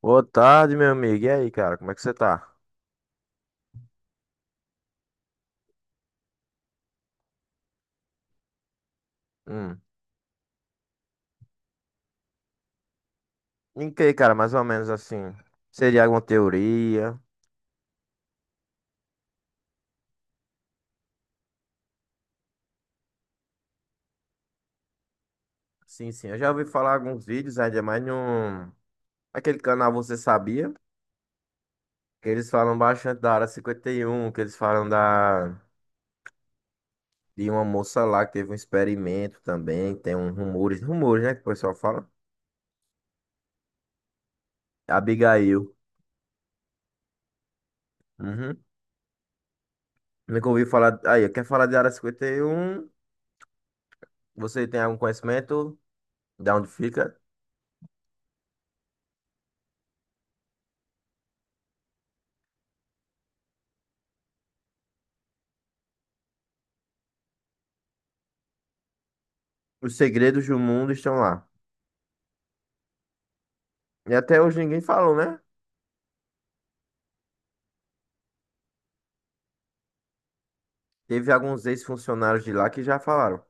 Boa tarde, meu amigo. E aí, cara, como é que você tá? Hum. Em que, cara, mais ou menos assim? Seria alguma teoria? Sim, sim. Eu já ouvi falar alguns vídeos, ainda mais num... Aquele canal Você Sabia? Que eles falam bastante da Área cinquenta e um, que eles falam da... de uma moça lá que teve um experimento também. Tem um rumores, né, que o pessoal fala. Abigail. Uhum. Nunca ouvi falar... Aí, quer falar de Área cinquenta e um? Você tem algum conhecimento? De onde fica? Os segredos do mundo estão lá. E até hoje ninguém falou, né? Teve alguns ex-funcionários de lá que já falaram.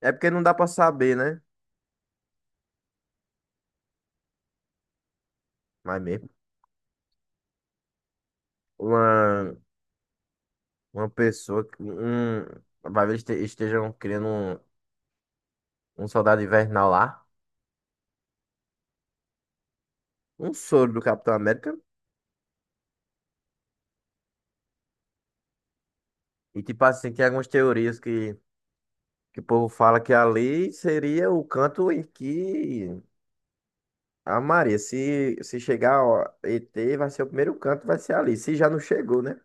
É porque não dá pra saber, né? Mas mesmo. Uma, pessoa. Vai ver, estejam criando um, um soldado invernal lá. Um soro do Capitão América. E tipo assim, tem algumas teorias que o povo fala que ali seria o canto em que a Maria, se chegar ó, ET, vai ser o primeiro canto, vai ser ali. Se já não chegou, né?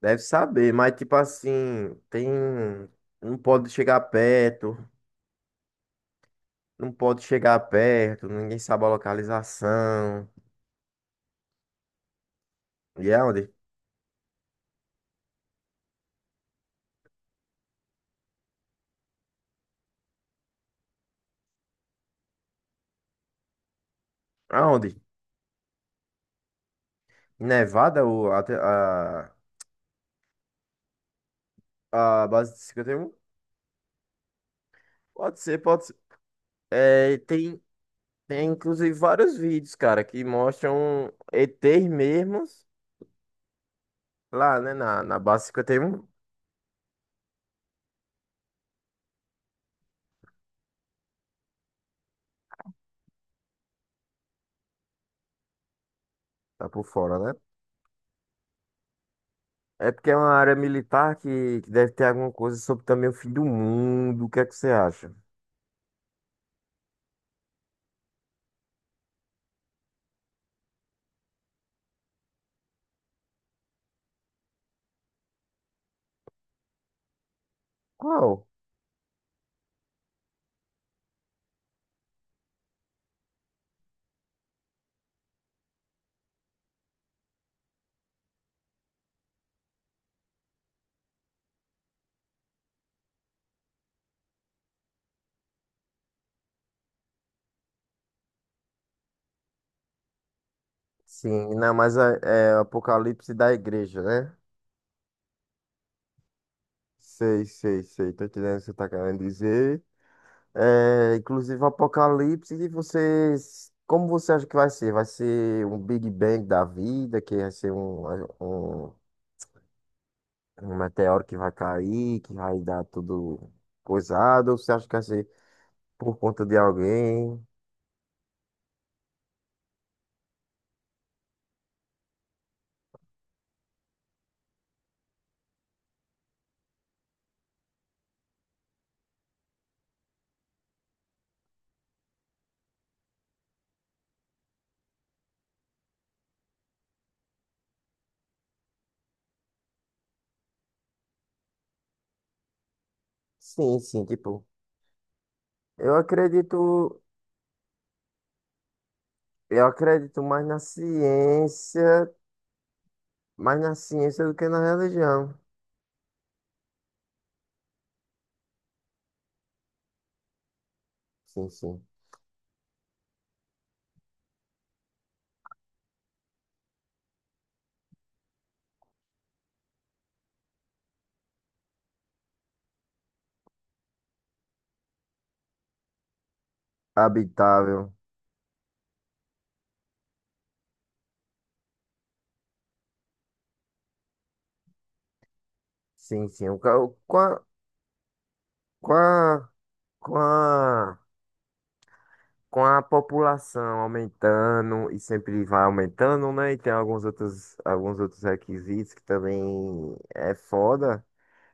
Deve saber, mas tipo assim, tem. Não pode chegar perto, não pode chegar perto, ninguém sabe a localização. E é aonde? Aonde? Em Nevada ou a base de 51? Pode ser, pode ser. É, tem, tem inclusive vários vídeos, cara, que mostram ETs mesmos lá, né, na base 51. Tá por fora, né? É porque é uma área militar que deve ter alguma coisa sobre também o fim do mundo. O que é que você acha? Qual? Sim, não, mas é, é o Apocalipse da Igreja, né? Sei, sei, sei. Tô entendendo o que você tá querendo dizer. É, inclusive, o Apocalipse, e vocês. Como você acha que vai ser? Vai ser um Big Bang da vida, que vai ser um, um, um meteoro que vai cair, que vai dar tudo coisado? Ou você acha que vai ser por conta de alguém? Sim, sim, tipo. Eu acredito. Eu acredito mais na ciência do que na religião. Sim, sim. Habitável. Sim, sim. Com a, com a, com a, com a população aumentando e sempre vai aumentando, né? E tem alguns outros requisitos que também é foda.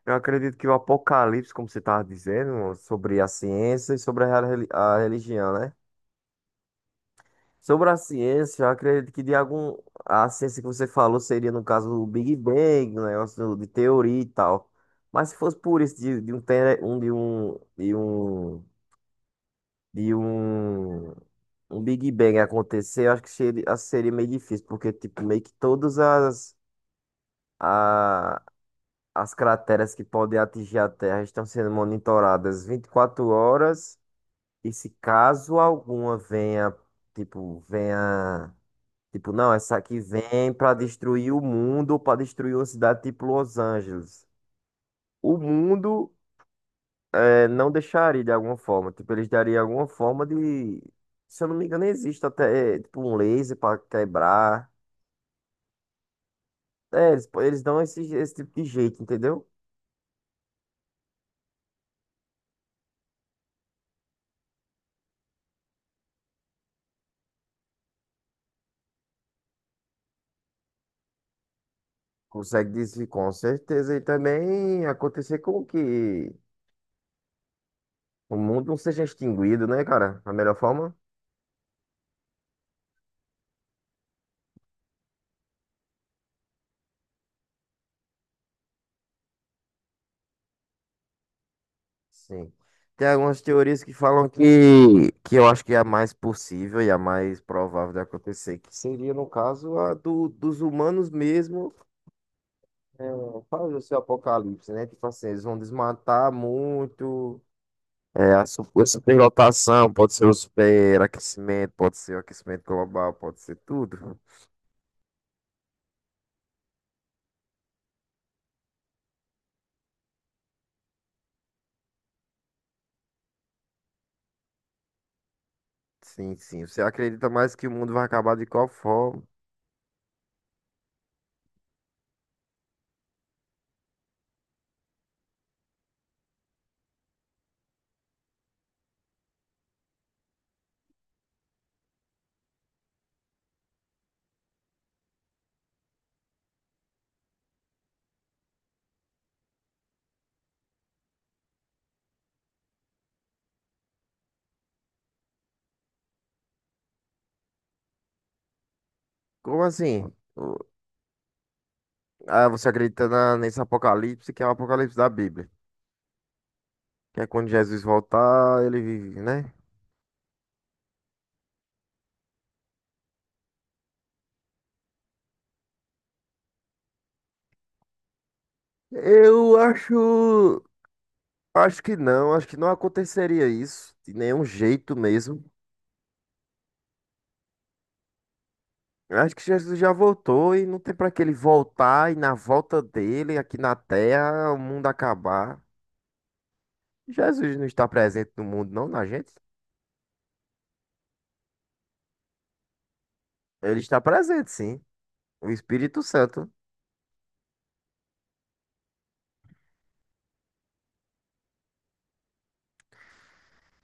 Eu acredito que o apocalipse, como você estava dizendo, sobre a ciência e sobre a, a religião, né? Sobre a ciência, eu acredito que de algum. A ciência que você falou seria, no caso, o Big Bang, o negócio de teoria e tal. Mas se fosse por isso, de um, tele- um, de um, de um, de um, um Big Bang acontecer, eu acho que seria, seria meio difícil, porque, tipo, meio que todas as, a, as crateras que podem atingir a Terra estão sendo monitoradas 24 horas, e se caso alguma venha. Tipo, não, essa aqui vem pra destruir o mundo, ou pra destruir uma cidade tipo Los Angeles. O mundo é, não deixaria de alguma forma. Tipo, eles dariam alguma forma de. Se eu não me engano, existe até é, tipo um laser pra quebrar. É, eles dão esse, esse tipo de jeito, entendeu? Consegue dizer com certeza. E também acontecer com que o mundo não seja extinguido, né, cara? A melhor forma. Sim. Tem algumas teorias que falam que eu acho que é a mais possível e a mais provável de acontecer, que seria, no caso, a do, dos humanos mesmo é, fazer o seu apocalipse, né? Tipo assim, eles vão desmatar muito, é, a, a superlotação, pode ser o superaquecimento, pode ser o aquecimento global, pode ser tudo. Sim, sim. Você acredita mais que o mundo vai acabar de qual forma? Como assim? O- Ah, você acredita nesse apocalipse que é o apocalipse da Bíblia? Que é quando Jesus voltar, ele vive, né? Eu acho. Acho que não aconteceria isso, de nenhum jeito mesmo. Eu acho que Jesus já voltou e não tem pra que ele voltar e na volta dele, aqui na Terra, o mundo acabar. Jesus não está presente no mundo, não, na gente? Ele está presente, sim. O Espírito Santo.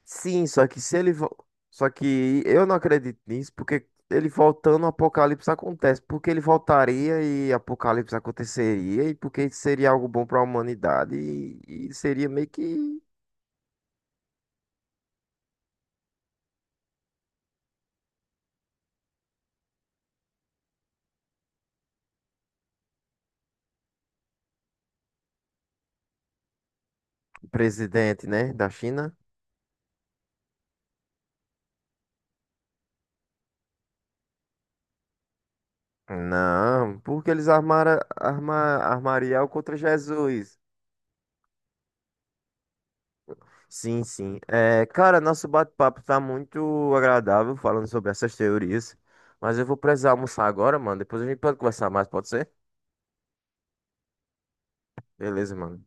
Sim, só que se ele. Só que eu não acredito nisso, porque ele voltando, o Apocalipse acontece. Porque ele voltaria e Apocalipse aconteceria, e porque seria algo bom para a humanidade, e seria meio que o presidente, né, da China. Não, porque eles armaram arma, armaria algo contra Jesus. Sim, sim. É, cara, nosso bate-papo tá muito agradável falando sobre essas teorias. Mas eu vou precisar almoçar agora, mano. Depois a gente pode conversar mais, pode ser? Beleza, mano.